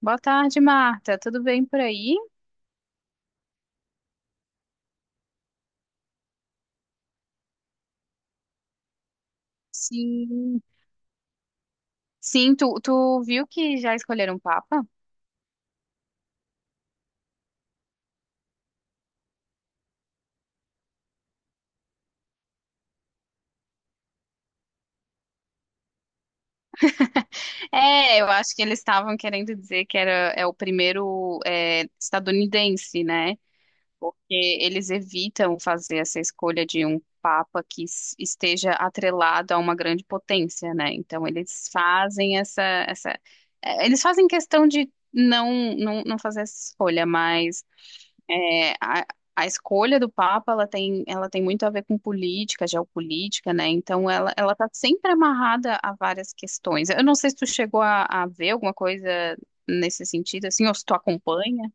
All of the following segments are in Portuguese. Boa tarde, Marta. Tudo bem por aí? Sim. Sim, tu viu que já escolheram o Papa? É, eu acho que eles estavam querendo dizer que era o primeiro estadunidense, né? Porque eles evitam fazer essa escolha de um papa que esteja atrelado a uma grande potência, né? Então eles fazem essa, eles fazem questão de não fazer essa escolha, mas é, a, a escolha do Papa, ela tem muito a ver com política, geopolítica, né? Então, ela tá sempre amarrada a várias questões. Eu não sei se tu chegou a ver alguma coisa nesse sentido, assim, ou se tu acompanha.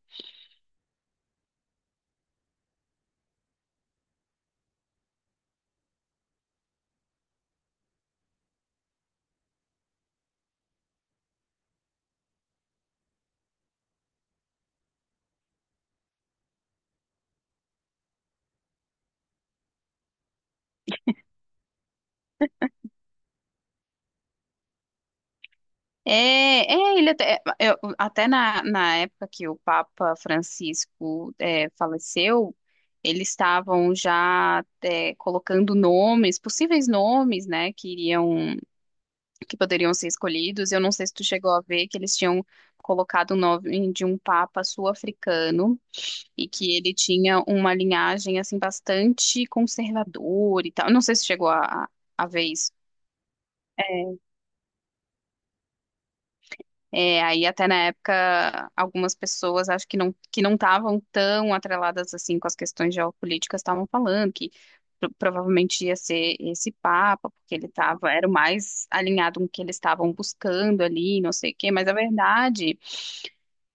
É, é, ele até, é, eu- até na época que o Papa Francisco faleceu, eles estavam já colocando nomes, possíveis nomes, né, que iriam, que poderiam ser escolhidos. Eu não sei se tu chegou a ver que eles tinham colocado o nome de um Papa sul-africano e que ele tinha uma linhagem assim bastante conservadora e tal. Eu não sei se tu chegou a ver isso. É, aí até na época, algumas pessoas acho que não estavam tão atreladas assim com as questões geopolíticas estavam falando que provavelmente ia ser esse papa, porque ele estava era o mais alinhado com o que eles estavam buscando ali, não sei o quê, mas a verdade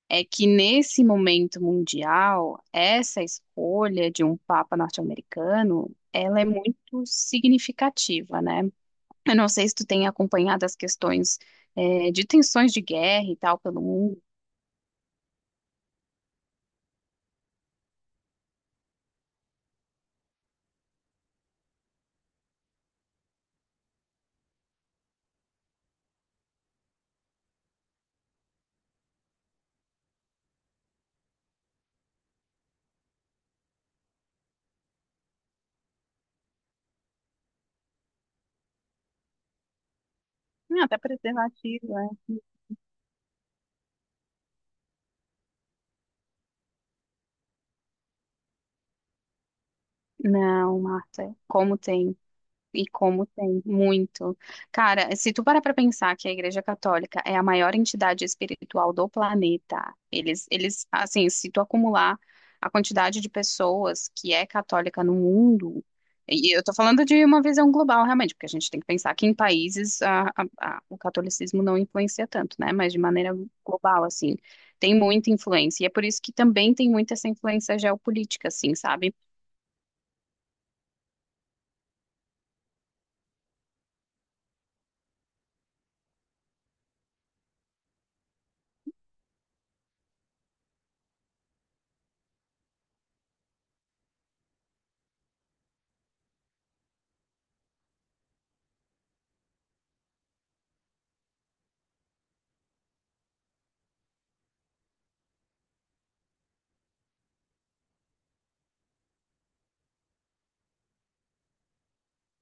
é que nesse momento mundial, essa escolha de um papa norte-americano, ela é muito significativa, né? Eu não sei se tu tem acompanhado as questões de tensões de guerra e tal pelo mundo. Ah, até preservativo, né? Não, Marta, como tem. E como tem, muito. Cara, se tu parar pra pensar que a Igreja Católica é a maior entidade espiritual do planeta, assim, se tu acumular a quantidade de pessoas que é católica no mundo, e eu tô falando de uma visão global, realmente, porque a gente tem que pensar que em países o catolicismo não influencia tanto, né? Mas de maneira global, assim, tem muita influência. E é por isso que também tem muita essa influência geopolítica, assim, sabe?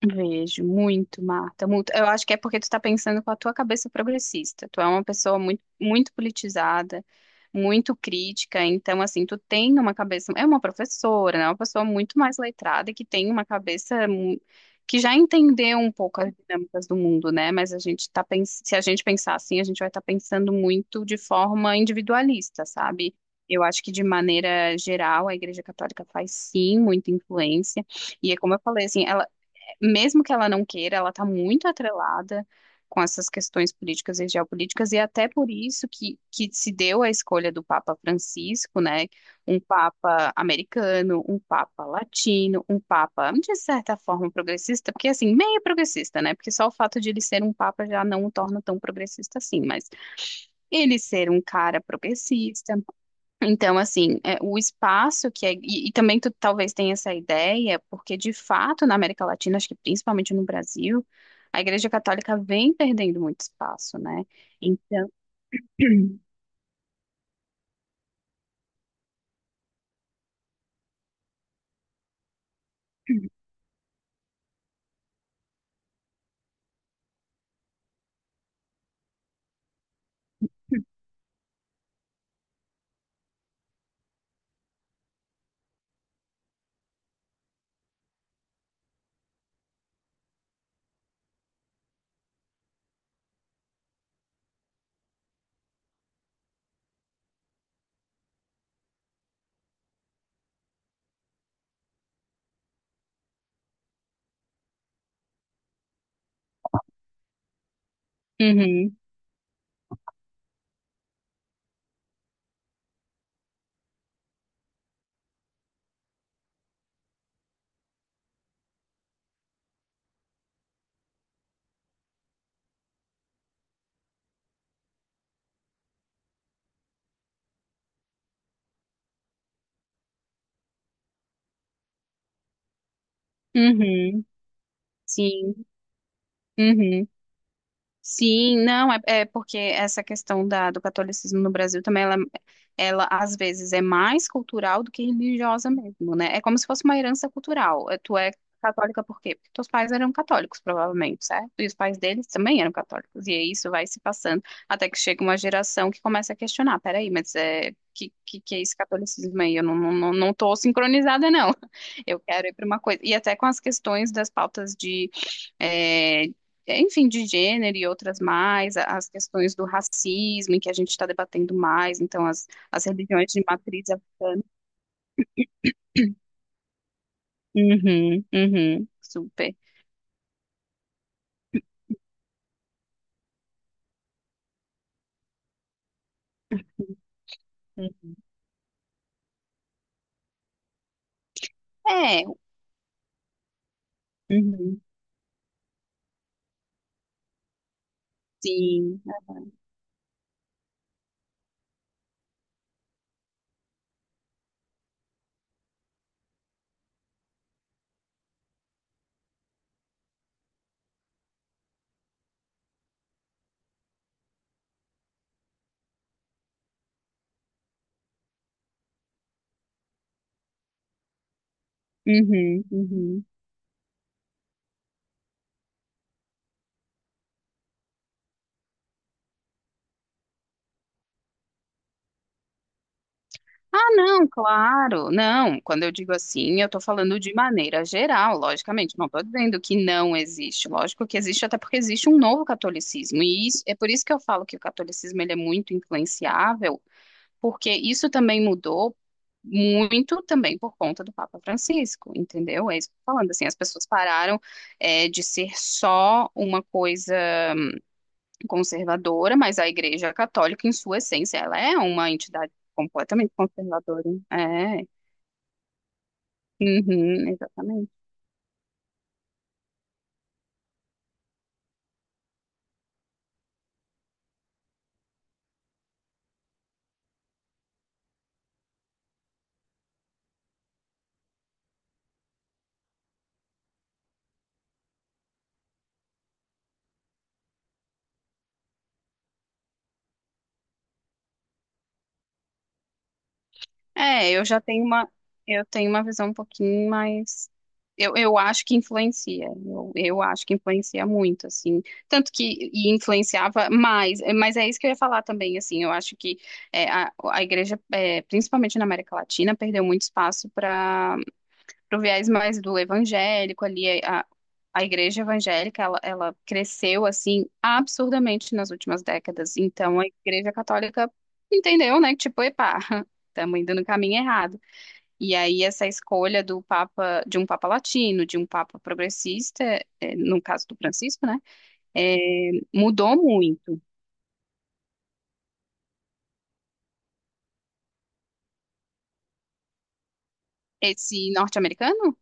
Vejo muito, Marta, muito. Eu acho que é porque tu tá pensando com a tua cabeça progressista. Tu é uma pessoa muito politizada, muito crítica, então assim, tu tem uma cabeça, é uma professora, né? Uma pessoa muito mais letrada e que tem uma cabeça que já entendeu um pouco as dinâmicas do mundo, né? Mas a gente tá se a gente pensar assim, a gente vai estar pensando muito de forma individualista, sabe? Eu acho que de maneira geral a Igreja Católica faz sim muita influência. E é como eu falei, assim, ela mesmo que ela não queira, ela está muito atrelada com essas questões políticas e geopolíticas, e até por isso que se deu a escolha do Papa Francisco, né? Um Papa americano, um Papa latino, um Papa, de certa forma, progressista, porque assim, meio progressista, né? Porque só o fato de ele ser um Papa já não o torna tão progressista assim, mas ele ser um cara progressista, então, assim, é, o espaço que é. E também tu talvez tenha essa ideia, porque de fato na América Latina, acho que principalmente no Brasil, a Igreja Católica vem perdendo muito espaço, né? Então. Uhum, uhum, sim, uhum. Sim, não, é porque essa questão do catolicismo no Brasil também, ela às vezes é mais cultural do que religiosa mesmo, né? É como se fosse uma herança cultural. É, tu é católica por quê? Porque teus pais eram católicos, provavelmente, certo? E os pais deles também eram católicos. E aí isso vai se passando até que chega uma geração que começa a questionar, peraí, que é esse catolicismo aí? Eu não tô sincronizada, não. Eu quero ir para uma coisa. E até com as questões das pautas de eh, enfim, de gênero e outras mais, as questões do racismo, em que a gente está debatendo mais, então as religiões de matriz africana. Uhum, uhum, super. Uhum. É, uhum, sim. Uhum, uhum. Ah, não, claro, não. Quando eu digo assim, eu estou falando de maneira geral, logicamente. Não estou dizendo que não existe. Lógico que existe, até porque existe um novo catolicismo. E isso- é por isso que eu falo que o catolicismo ele é muito influenciável porque isso também mudou muito também por conta do Papa Francisco, entendeu? É isso que eu tô falando, assim, as pessoas pararam de ser só uma coisa conservadora, mas a Igreja Católica, em sua essência, ela é uma entidade completamente conservadora. Né? É, uhum, exatamente. É, eu já tenho uma, eu tenho uma visão um pouquinho mais. Eu acho que influencia. Eu acho que influencia muito, assim. Tanto que e influenciava mais. Mas é isso que eu ia falar também, assim. Eu acho que a igreja, principalmente na América Latina, perdeu muito espaço pro viés mais do evangélico ali, a igreja evangélica, ela cresceu, assim, absurdamente nas últimas décadas. Então, a igreja católica entendeu, né, que tipo, epá, estamos indo no caminho errado. E aí, essa escolha do papa, de um papa latino, de um papa progressista, no caso do Francisco, né, eh, mudou muito. Esse norte-americano?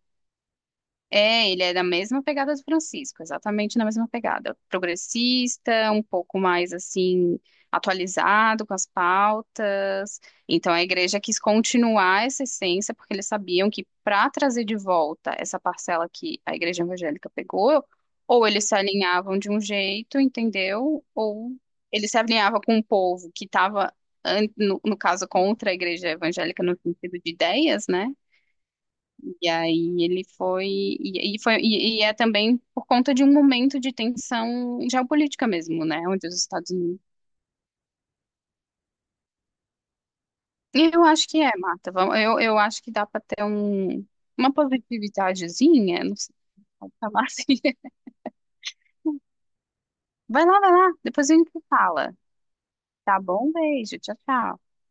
É, ele é da mesma pegada do Francisco, exatamente na mesma pegada. Progressista, um pouco mais assim, atualizado com as pautas. Então a igreja quis continuar essa essência, porque eles sabiam que para trazer de volta essa parcela que a igreja evangélica pegou, ou eles se alinhavam de um jeito, entendeu? Ou eles se alinhavam com o povo que estava, no caso, contra a igreja evangélica no sentido de ideias, né? E aí ele foi e é também por conta de um momento de tensão geopolítica mesmo, né, onde os Estados Unidos. E eu acho que é, Marta. Vamos- eu acho que dá para ter um, uma positividadezinha, não sei como falar assim. Vai lá, depois a gente fala. Tá bom? Beijo, tchau, tchau.